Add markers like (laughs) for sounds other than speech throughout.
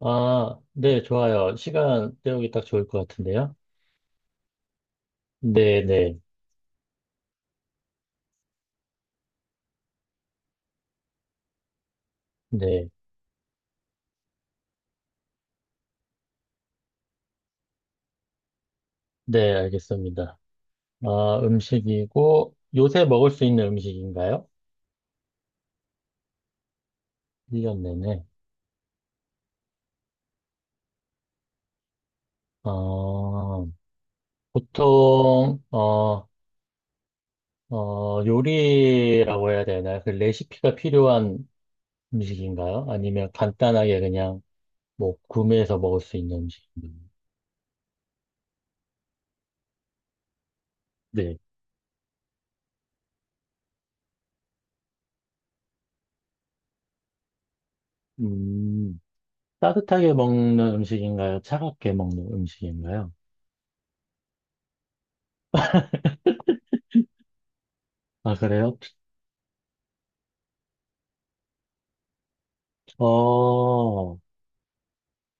아, 네, 좋아요. 시간 때우기 딱 좋을 것 같은데요. 네, 네, 네, 네, 알겠습니다. 아, 음식이고, 요새 먹을 수 있는 음식인가요? 일년 내내. 어, 보통, 요리라고 해야 되나요? 그 레시피가 필요한 음식인가요? 아니면 간단하게 그냥 뭐 구매해서 먹을 수 있는 음식인가요? 네. 음, 따뜻하게 먹는 음식인가요? 차갑게 먹는 음식인가요? 아, 그래요? 어,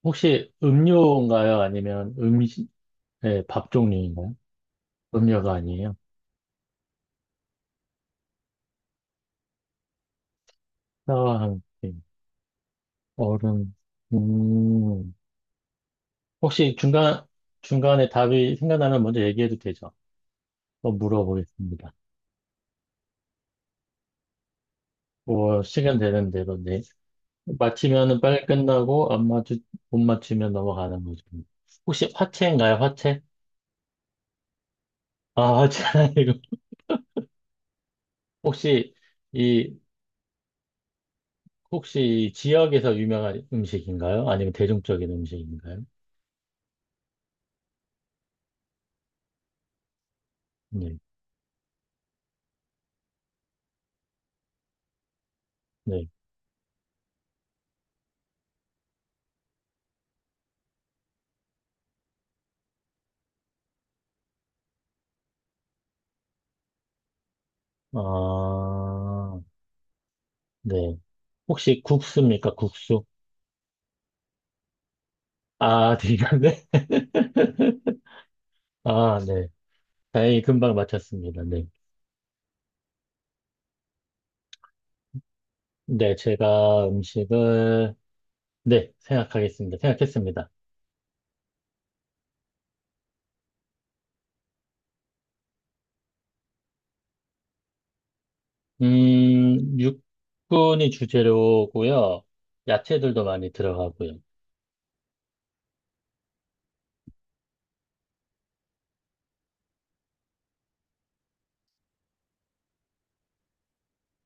혹시 음료인가요? 아니면 음식, 네, 밥 종류인가요? 음료가 아니에요. 사과 한 끼, 얼음, 음, 혹시 중간에 답이 생각나면 먼저 얘기해도 되죠? 또 물어보겠습니다. 뭐, 시간 되는 대로, 네. 맞히면은 빨리 끝나고, 안 맞추, 못 맞추면 넘어가는 거죠. 혹시 화채인가요? 화채? 아, 화채 아니고. 혹시 이 혹시 지역에서 유명한 음식인가요? 아니면 대중적인 음식인가요? 네, 네. 아, 네. 혹시 국수입니까? 국수? 아, 되겠네. (laughs) 아, 네. 다행히 금방 맞췄습니다. 네. 네, 제가 음식을, 네, 생각하겠습니다. 생각했습니다. 육군이 주재료고요. 야채들도 많이 들어가고요.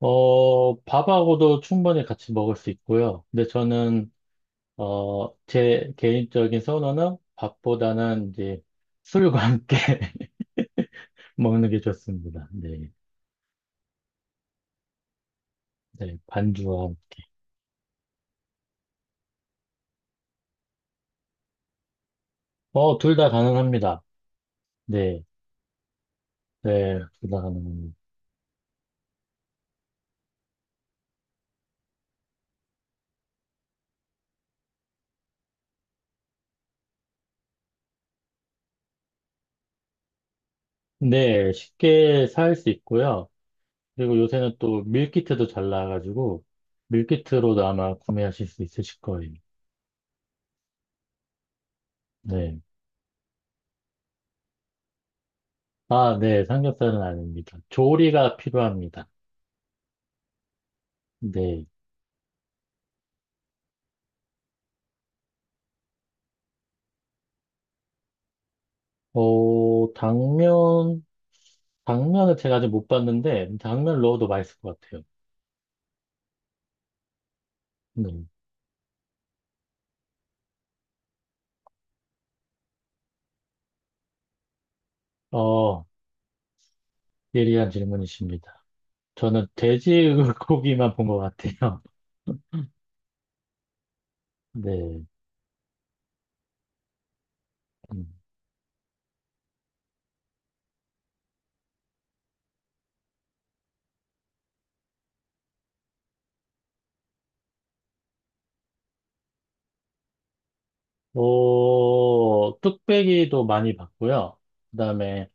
밥하고도 충분히 같이 먹을 수 있고요. 근데 저는 제 개인적인 선호는 밥보다는 이제 술과 함께 (laughs) 먹는 게 좋습니다. 네. 네. 반주와. 둘 다 가능합니다. 네. 네. 둘 다 가능합니다. 네. 쉽게 살 수 있고요. 그리고 요새는 또 밀키트도 잘 나와가지고, 밀키트로도 아마 구매하실 수 있으실 거예요. 네. 아, 네. 삼겹살은 아닙니다. 조리가 필요합니다. 네. 어, 당면, 당면은 제가 아직 못 봤는데, 당면 넣어도 맛있을 것 같아요. 음. 어, 예리한 질문이십니다. 저는 돼지 (laughs) 고기만 본 것 같아요. 네. 음. 뚝배기도 많이 봤고요. 그다음에,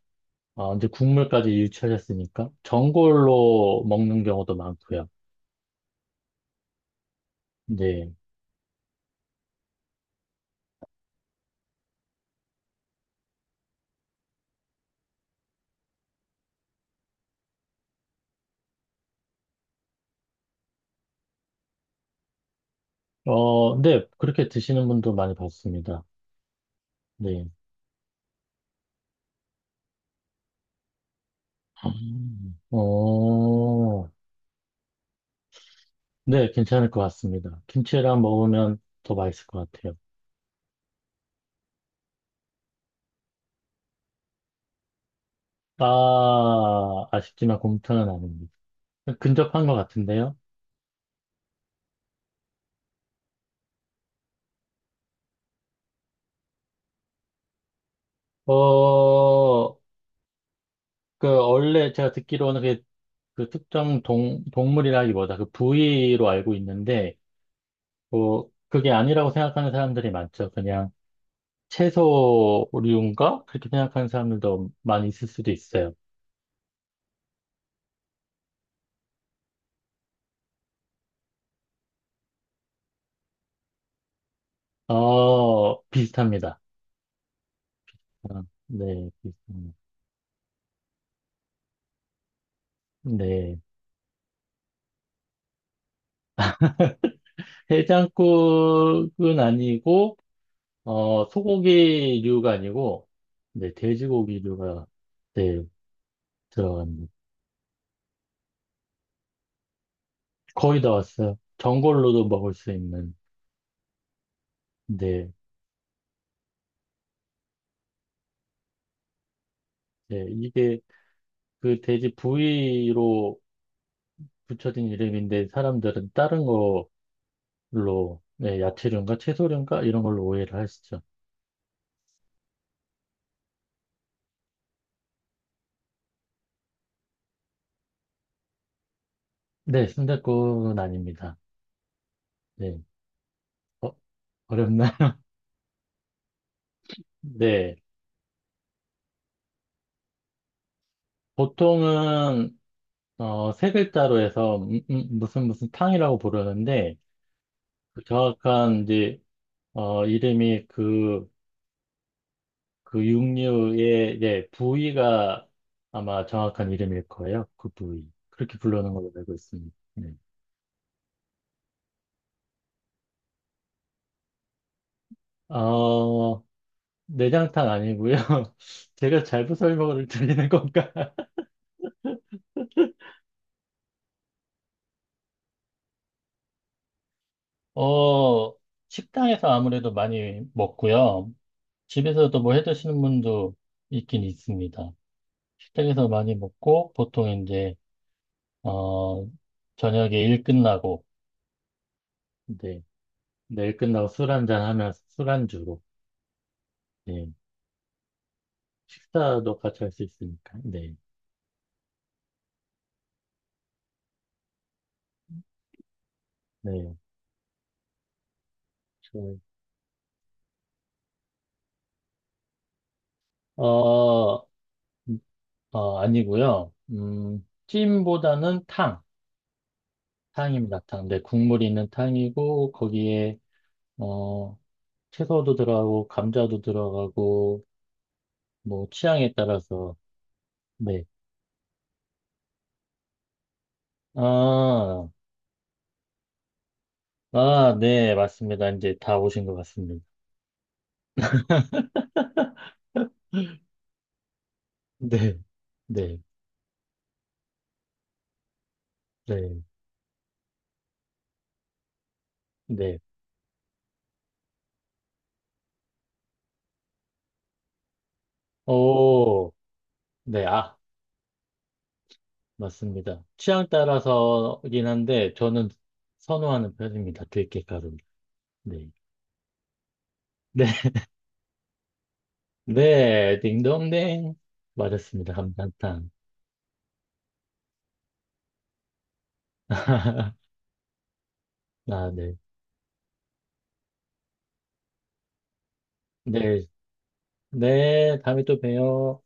이제 국물까지 유출했으니까, 전골로 먹는 경우도 많고요. 네. 어, 네. 그렇게 드시는 분도 많이 봤습니다. 네. 음. 어, 네, 괜찮을 것 같습니다. 김치랑 먹으면 더 맛있을 것 같아요. 아, 아쉽지만 곰탕은 아닙니다. 근접한 것 같은데요. 어, 그, 원래 제가 듣기로는 그, 특정 동물이라기보다 그 부위로 알고 있는데, 그게 아니라고 생각하는 사람들이 많죠. 그냥 채소류인가? 그렇게 생각하는 사람들도 많이 있을 수도 있어요. 비슷합니다. 아, 네, 비슷합니다. 네. 해장국은 아니고, 소고기류가 아니고, 네, 돼지고기류가, 네, 들어갑니다. 거의 다 왔어요. 전골로도 먹을 수 있는, 네, 네, 이게 그 돼지 부위로 붙여진 이름인데, 사람들은 다른 걸로, 네, 야채류인가 채소류인가 이런 걸로 오해를 하시죠. 네, 순댓국은 아닙니다. 네, 어, 어렵나? (laughs) 네, 보통은 세 글자로 해서 무슨 무슨 탕이라고 부르는데 그 정확한 이제 이름이 그 육류의 예, 부위가 아마 정확한 이름일 거예요. 그 부위. 그렇게 부르는 걸로 알고 있습니다. 네. 어, 내장탕 아니고요. (laughs) 제가 잘못 설명을 드리는 건가? (laughs) 어, 식당에서 아무래도 많이 먹고요. 집에서도 뭐 해 드시는 분도 있긴 있습니다. 식당에서 많이 먹고 보통 이제 어, 저녁에 일 끝나고, 네. 네, 일 끝나고 술 한잔 하면서 술안주로, 네. 식사도 같이 할 수 있으니까, 네. 네. 저- 어, 아니고요. 찜보다는 탕, 탕입니다, 탕. 네, 국물이 있는 탕이고, 거기에, 어, 채소도 들어가고, 감자도 들어가고, 뭐, 취향에 따라서, 네. 아, 아, 네, 맞습니다. 이제 다 오신 것 같습니다. 네, 네, 네. 네. 오, 네. 아, 맞습니다. 취향 따라서긴 한데, 저는 선호하는 편입니다. 들깨가루. 네. 네. (laughs) 네. 딩동댕. 맞았습니다. 감탄탕. (laughs) 아, 네. 네. 네. 다음에 또 봬요.